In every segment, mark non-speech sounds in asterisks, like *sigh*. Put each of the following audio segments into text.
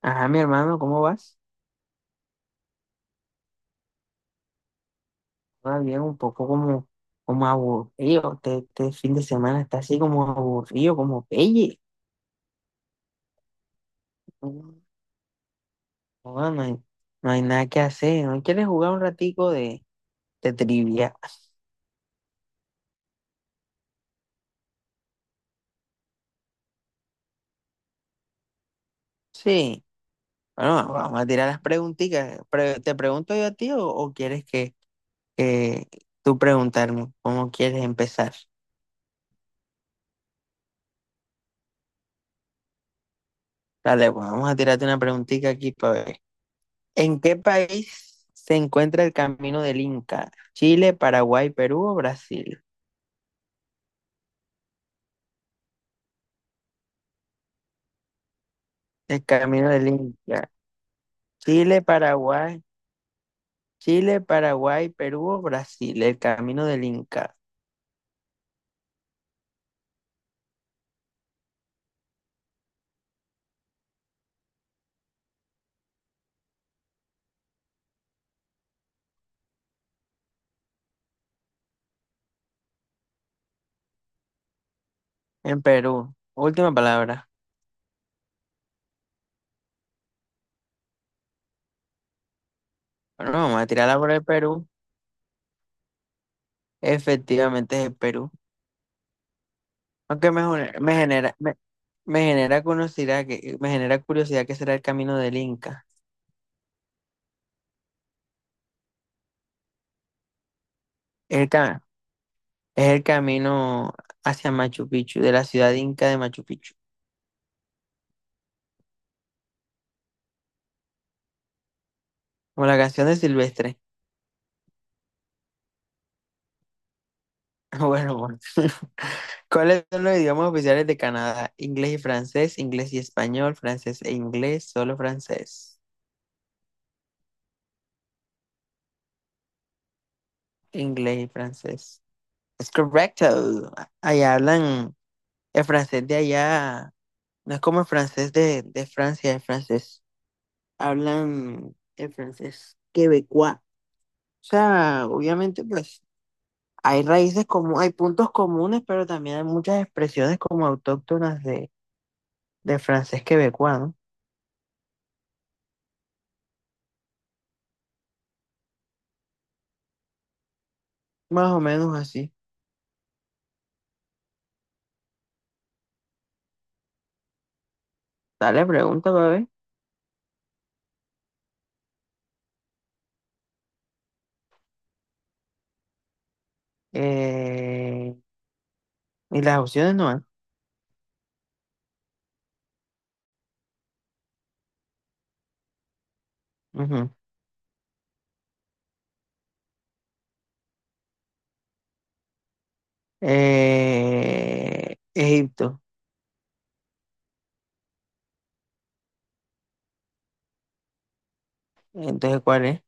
Ajá, mi hermano, ¿cómo vas? Va bien, un poco como, como aburrido. Este fin de semana está así como aburrido, como pelle. No, no, no hay nada que hacer. ¿No quieres jugar un ratico de trivia? Sí. Bueno, vamos a tirar las preguntitas. ¿Te pregunto yo a ti o quieres que tú preguntarme cómo quieres empezar? Dale, pues, vamos a tirarte una preguntita aquí para ver. ¿En qué país se encuentra el Camino del Inca? Chile, Paraguay, Perú o Brasil. El Camino del Inca. Chile, Paraguay. Chile, Paraguay, Perú o Brasil. El Camino del Inca. En Perú. Última palabra. Bueno, vamos a tirarla por el Perú. Efectivamente es el Perú. Aunque me genera curiosidad que será el camino del Inca. El ca- es el camino hacia Machu Picchu, de la ciudad inca de Machu Picchu. Como la canción de Silvestre. *laughs* Bueno, bueno. *laughs* ¿Cuáles son los idiomas oficiales de Canadá? Inglés y francés, inglés y español, francés e inglés, solo francés. Inglés y francés. Es correcto. Allá hablan el francés de allá. No es como el francés de Francia, el francés. Hablan el francés quebecois. O sea, obviamente, pues hay raíces como, hay puntos comunes, pero también hay muchas expresiones como autóctonas de francés quebecois, ¿no? Más o menos así. Dale, pregunta, bebé. Eh, y las opciones no hay. Ujú. Egipto. Entonces, ¿cuál es?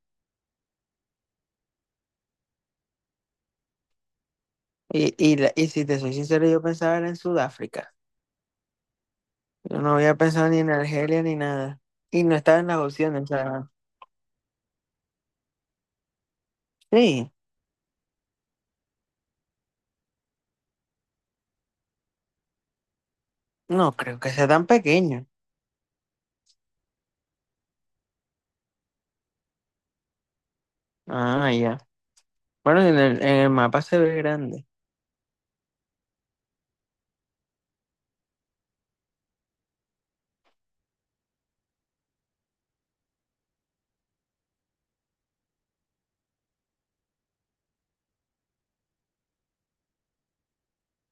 Y si te soy sincero, yo pensaba era en Sudáfrica. Yo no había pensado ni en Argelia ni nada. Y no estaba en las opciones. O sea, sí, no creo que sea tan pequeño. Ah, ya. Bueno, en el mapa se ve grande.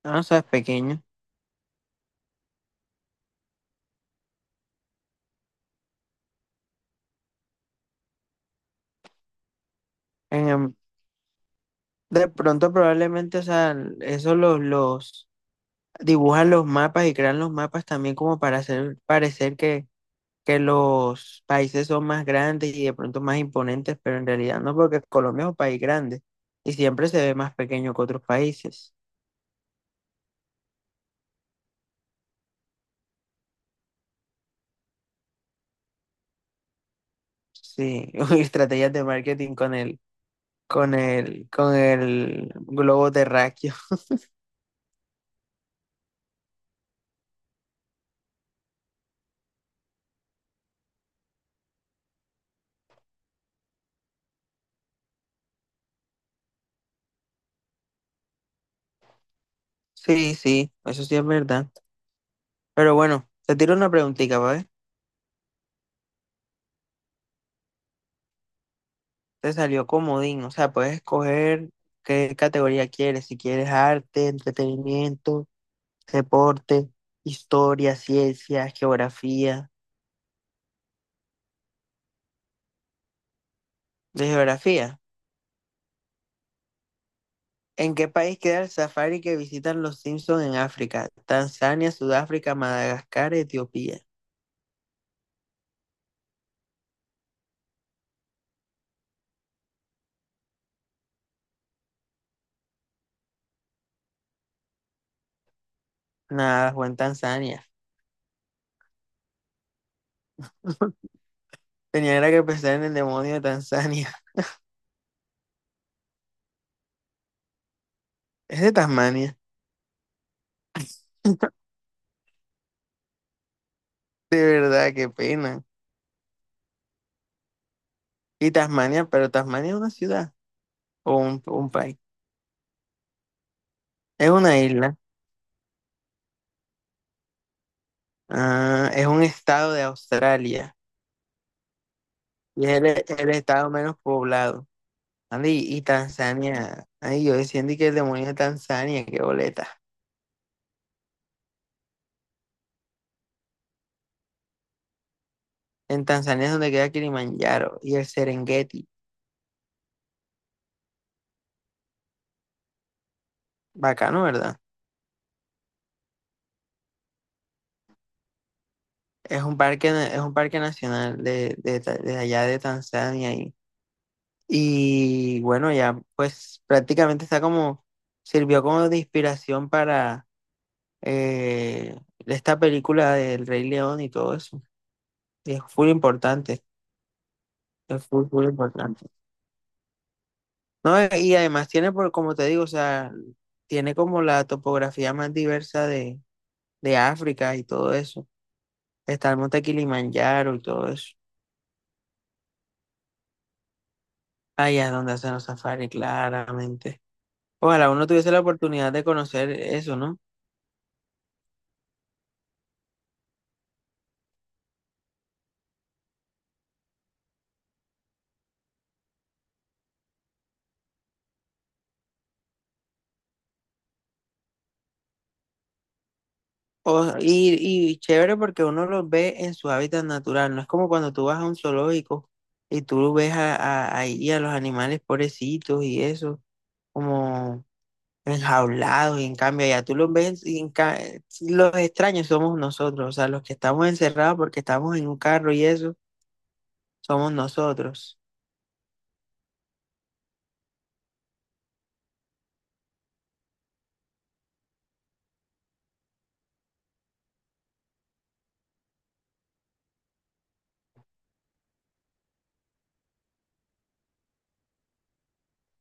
Ah, o sea, es pequeño. En el- de pronto, probablemente, o sea, esos los dibujan los mapas y crean los mapas también como para hacer parecer que los países son más grandes y de pronto más imponentes, pero en realidad no, porque Colombia es un país grande y siempre se ve más pequeño que otros países. Sí, *laughs* uy, estrategias de marketing con el globo terráqueo. *laughs* Sí, sí, eso sí es verdad. Pero bueno, te tiro una preguntita, ¿vale? Te salió comodín, o sea, puedes escoger qué categoría quieres, si quieres arte, entretenimiento, deporte, historia, ciencia, geografía. De geografía. ¿En qué país queda el safari que visitan los Simpson en África? Tanzania, Sudáfrica, Madagascar, Etiopía. Nada, fue en Tanzania. Tenía era que pensar en el demonio de Tanzania. *laughs* Es de Tasmania. De verdad, qué pena. Y Tasmania, pero Tasmania es una ciudad o un país. Es una isla. Ah, es un estado de Australia. Y es el estado menos poblado. Andy, y Tanzania. Ay, yo decía Andy, que el demonio de Tanzania, qué boleta. En Tanzania es donde queda Kilimanjaro y el Serengeti. Bacano, ¿verdad? Es un parque, es un parque nacional de allá de Tanzania. Y bueno, ya pues prácticamente está como, sirvió como de inspiración para eh, esta película del Rey León y todo eso. Y es full importante, es full importante. No, y además tiene, por, como te digo, o sea, tiene como la topografía más diversa de África y todo eso. Está el monte Kilimanjaro y todo eso. Allá es donde hacen los safaris, claramente. Ojalá uno tuviese la oportunidad de conocer eso, ¿no? Y, y chévere porque uno los ve en su hábitat natural. No es como cuando tú vas a un zoológico y tú ves ahí a los animales pobrecitos y eso, como enjaulados y en cambio ya tú los ves y sí, los extraños somos nosotros, o sea, los que estamos encerrados porque estamos en un carro y eso, somos nosotros.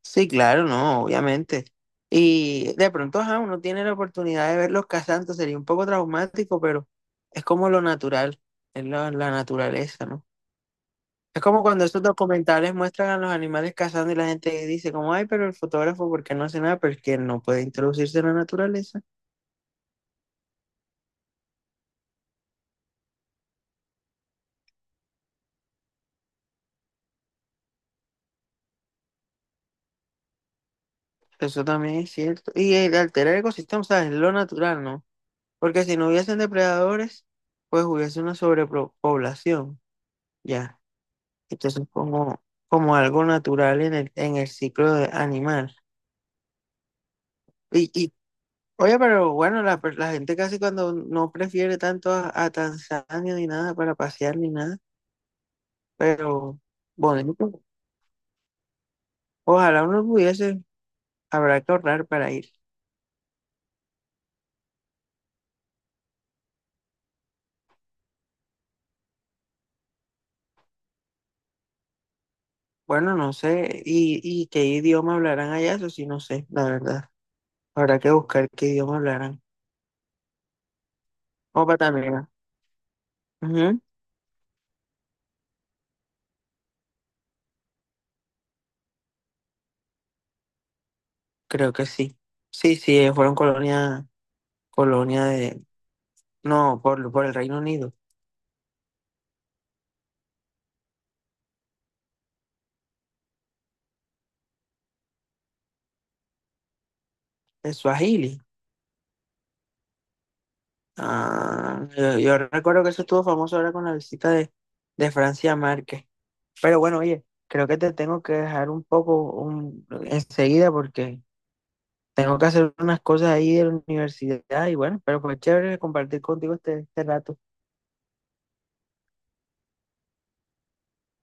Sí, claro, no, obviamente. Y de pronto, ajá, uno tiene la oportunidad de verlos cazando, sería un poco traumático, pero es como lo natural, es la naturaleza, ¿no? Es como cuando esos documentales muestran a los animales cazando y la gente dice como, ay, pero el fotógrafo, ¿por qué no hace nada? Porque no puede introducirse en la naturaleza. Eso también es cierto. Y el alterar el ecosistema, o sea, es lo natural, ¿no? Porque si no hubiesen depredadores, pues hubiese una sobrepoblación, ya. Entonces, como, como algo natural en el animal. Y, y, oye, pero bueno, la gente casi cuando no prefiere tanto a Tanzania ni nada para pasear ni nada, pero bueno, ojalá uno pudiese, habrá que ahorrar para ir. Bueno, no sé, y qué idioma hablarán allá, eso sí, no sé, la verdad. Habrá que buscar qué idioma hablaran. Opa, también. Ujú. Creo que sí. Sí, sí, ellos fueron colonia de... No, por el Reino Unido. De Swahili. Ah, yo recuerdo que eso estuvo famoso ahora con la visita de Francia Márquez. Pero bueno, oye, creo que te tengo que dejar un poco un, enseguida porque tengo que hacer unas cosas ahí de la universidad y bueno, pero fue chévere compartir contigo este rato.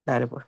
Dale, pues.